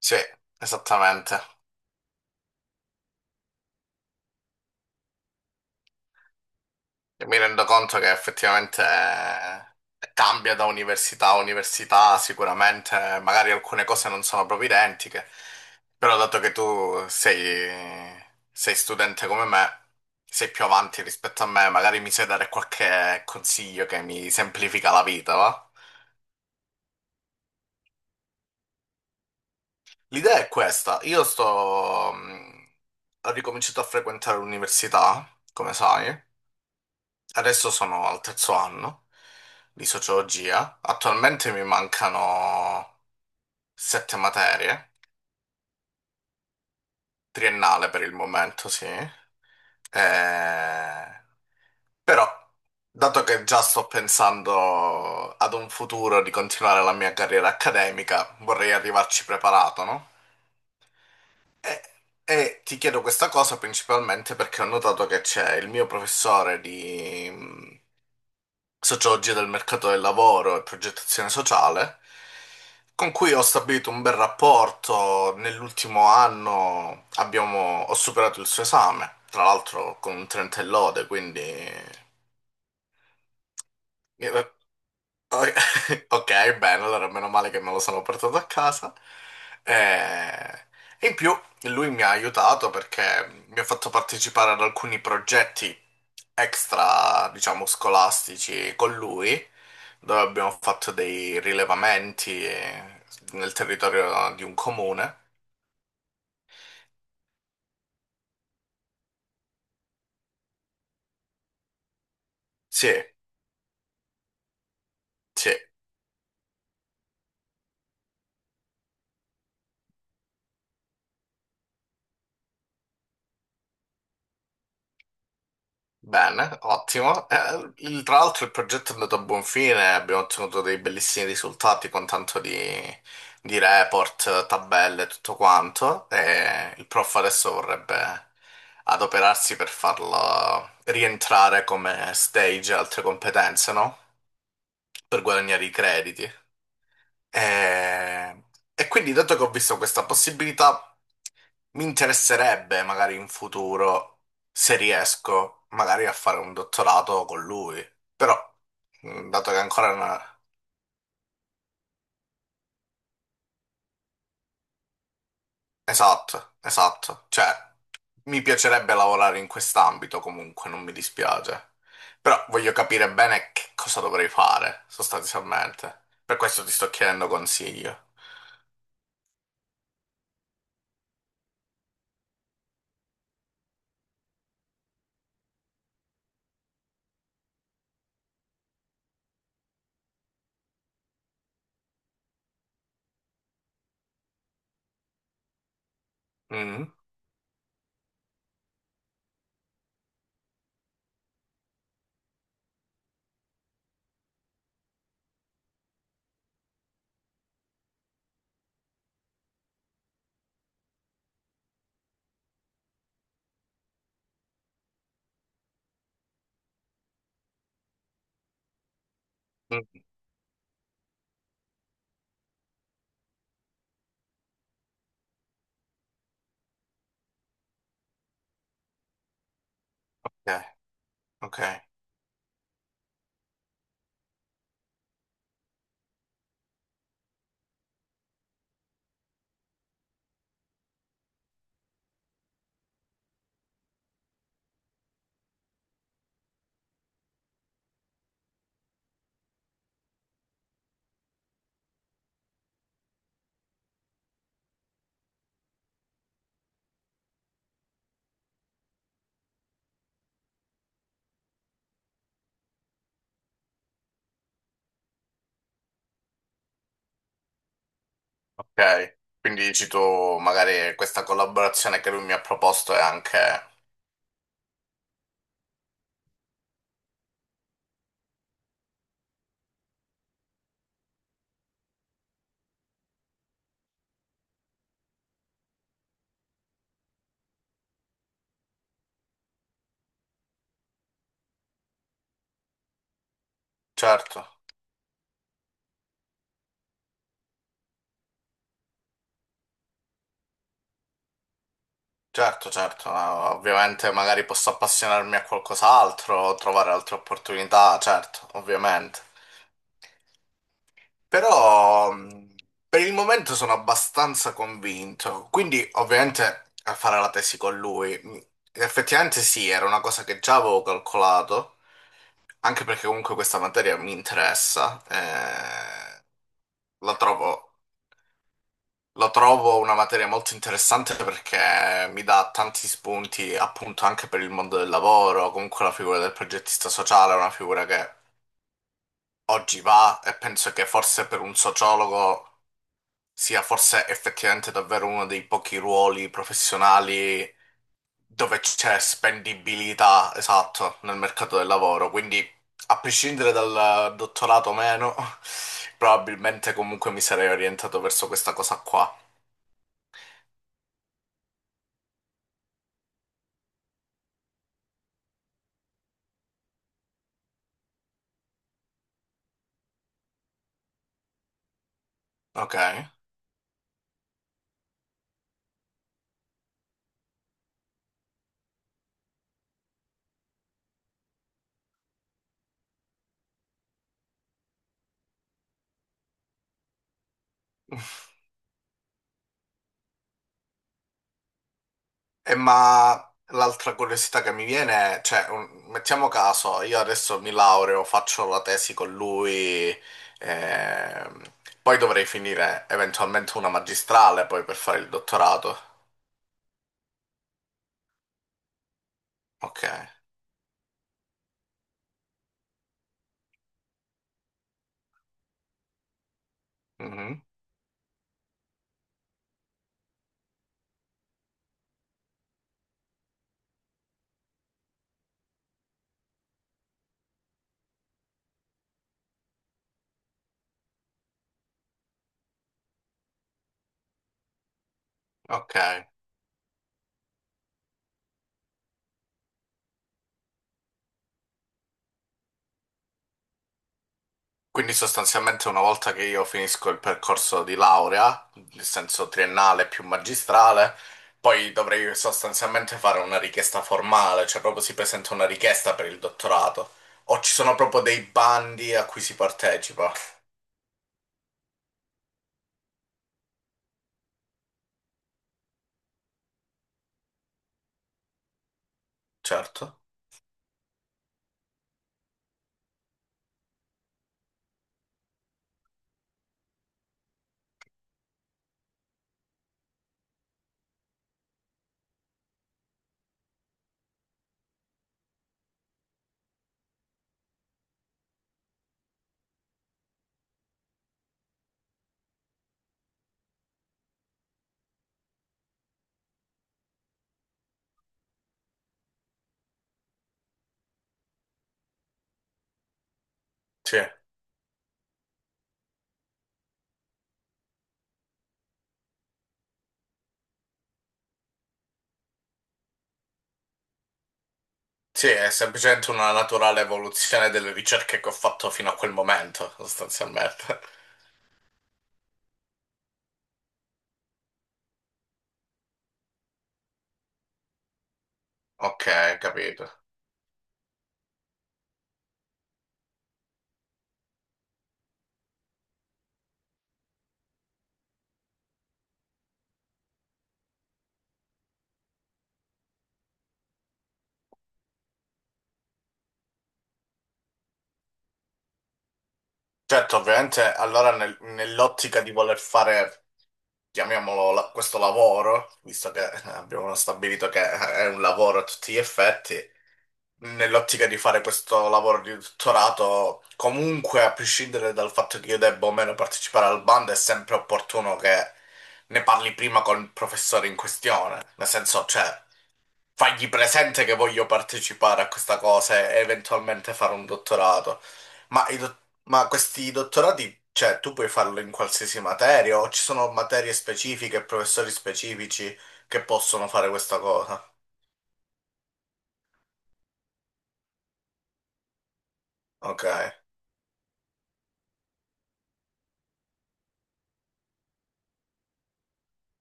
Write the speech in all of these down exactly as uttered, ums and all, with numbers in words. Sì, esattamente. E mi rendo conto che effettivamente eh, cambia da università a università, sicuramente eh, magari alcune cose non sono proprio identiche, però dato che tu sei, sei studente come me, sei più avanti rispetto a me, magari mi sai dare qualche consiglio che mi semplifica la vita, va? L'idea è questa, io sto... mh, ho ricominciato a frequentare l'università, come sai. Adesso sono al terzo anno di sociologia. Attualmente mi mancano sette materie, triennale per il momento, sì. Eh, Però, dato che già sto pensando ad un futuro di continuare la mia carriera accademica, vorrei arrivarci preparato, no? E, e ti chiedo questa cosa principalmente perché ho notato che c'è il mio professore di sociologia del mercato del lavoro e progettazione sociale, con cui ho stabilito un bel rapporto. Nell'ultimo anno abbiamo- ho superato il suo esame, tra l'altro con un trenta e lode, quindi... eh, o- Ok, bene, allora meno male che me lo sono portato a casa. Eh, E in più lui mi ha aiutato perché mi ha fatto partecipare ad alcuni progetti extra, diciamo, scolastici con lui, dove abbiamo fatto dei rilevamenti eh, nel territorio di un comune. Sì, sì. Bene, ottimo. Eh, il- tra l'altro il progetto è andato a buon fine, abbiamo ottenuto dei bellissimi risultati con tanto di, di report, tabelle, tutto quanto. E il prof adesso vorrebbe adoperarsi per farlo rientrare come stage e altre competenze, no? Per guadagnare i crediti. E, e quindi, dato che ho visto questa possibilità, mi interesserebbe magari in futuro, se riesco, magari a fare un dottorato con lui. Però, mh, dato che ancora... non- esatto, esatto. Cioè, mi piacerebbe lavorare in quest'ambito comunque, non mi dispiace. Però voglio capire bene che cosa dovrei fare, sostanzialmente. Per questo ti sto chiedendo consiglio. Mm? Mm. Ok, ok. Ok, quindi dici tu, magari questa collaborazione che lui mi ha proposto è anche... Certo, certo, certo, ma ovviamente magari posso appassionarmi a qualcos'altro, trovare altre opportunità, certo, ovviamente. Però mh, per il momento sono abbastanza convinto, quindi ovviamente a fare la tesi con lui. mh, Effettivamente sì, era una cosa che già avevo calcolato, anche perché comunque questa materia mi interessa, eh, la trovo Lo trovo una materia molto interessante perché mi dà tanti spunti appunto anche per il mondo del lavoro, comunque la figura del progettista sociale è una figura che oggi va e penso che forse per un sociologo sia forse effettivamente davvero uno dei pochi ruoli professionali dove c'è spendibilità, esatto, nel mercato del lavoro. Quindi a prescindere dal dottorato o meno, probabilmente comunque mi sarei orientato verso questa cosa qua. Ok. Eh, ma L'altra curiosità che mi viene è, cioè, un- mettiamo caso, io adesso mi laureo, faccio la tesi con lui, ehm, poi dovrei finire eventualmente una magistrale poi per fare il dottorato. Ok. Mhm. Ok. Quindi sostanzialmente una volta che io finisco il percorso di laurea, nel senso triennale più magistrale, poi dovrei sostanzialmente fare una richiesta formale, cioè proprio si presenta una richiesta per il dottorato. O ci sono proprio dei bandi a cui si partecipa. Certo. Sì. Sì, è semplicemente una naturale evoluzione delle ricerche che ho fatto fino a quel momento, sostanzialmente. Ok, capito. Certo, ovviamente allora nel- nell'ottica di voler fare, chiamiamolo la- questo lavoro, visto che eh, abbiamo stabilito che è un lavoro a tutti gli effetti, nell'ottica di fare questo lavoro di dottorato, comunque a prescindere dal fatto che io debba o meno partecipare al bando, è sempre opportuno che ne parli prima con il professore in questione. Nel senso, cioè, fagli presente che voglio partecipare a questa cosa e eventualmente fare un dottorato. Ma, i dot- ma questi dottorati, cioè, tu puoi farlo in qualsiasi materia o ci sono materie specifiche, professori specifici che possono fare questa cosa? Ok.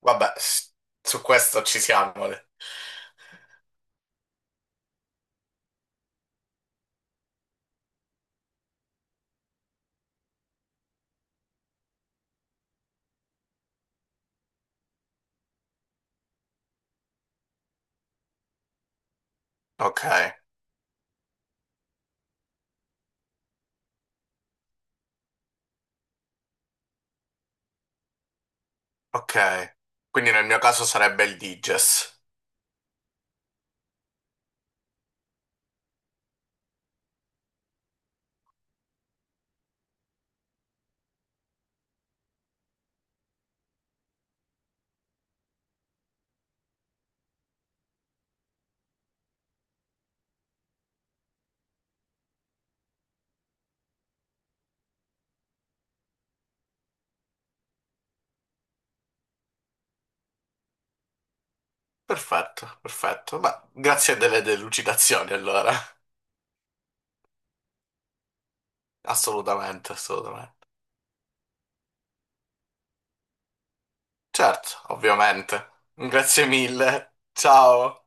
Vabbè, s- su questo ci siamo. Ok, ok. Quindi nel mio caso sarebbe il Diges. Perfetto, perfetto. Ma grazie delle delucidazioni allora. Assolutamente, assolutamente. Certo, ovviamente. Grazie mille. Ciao.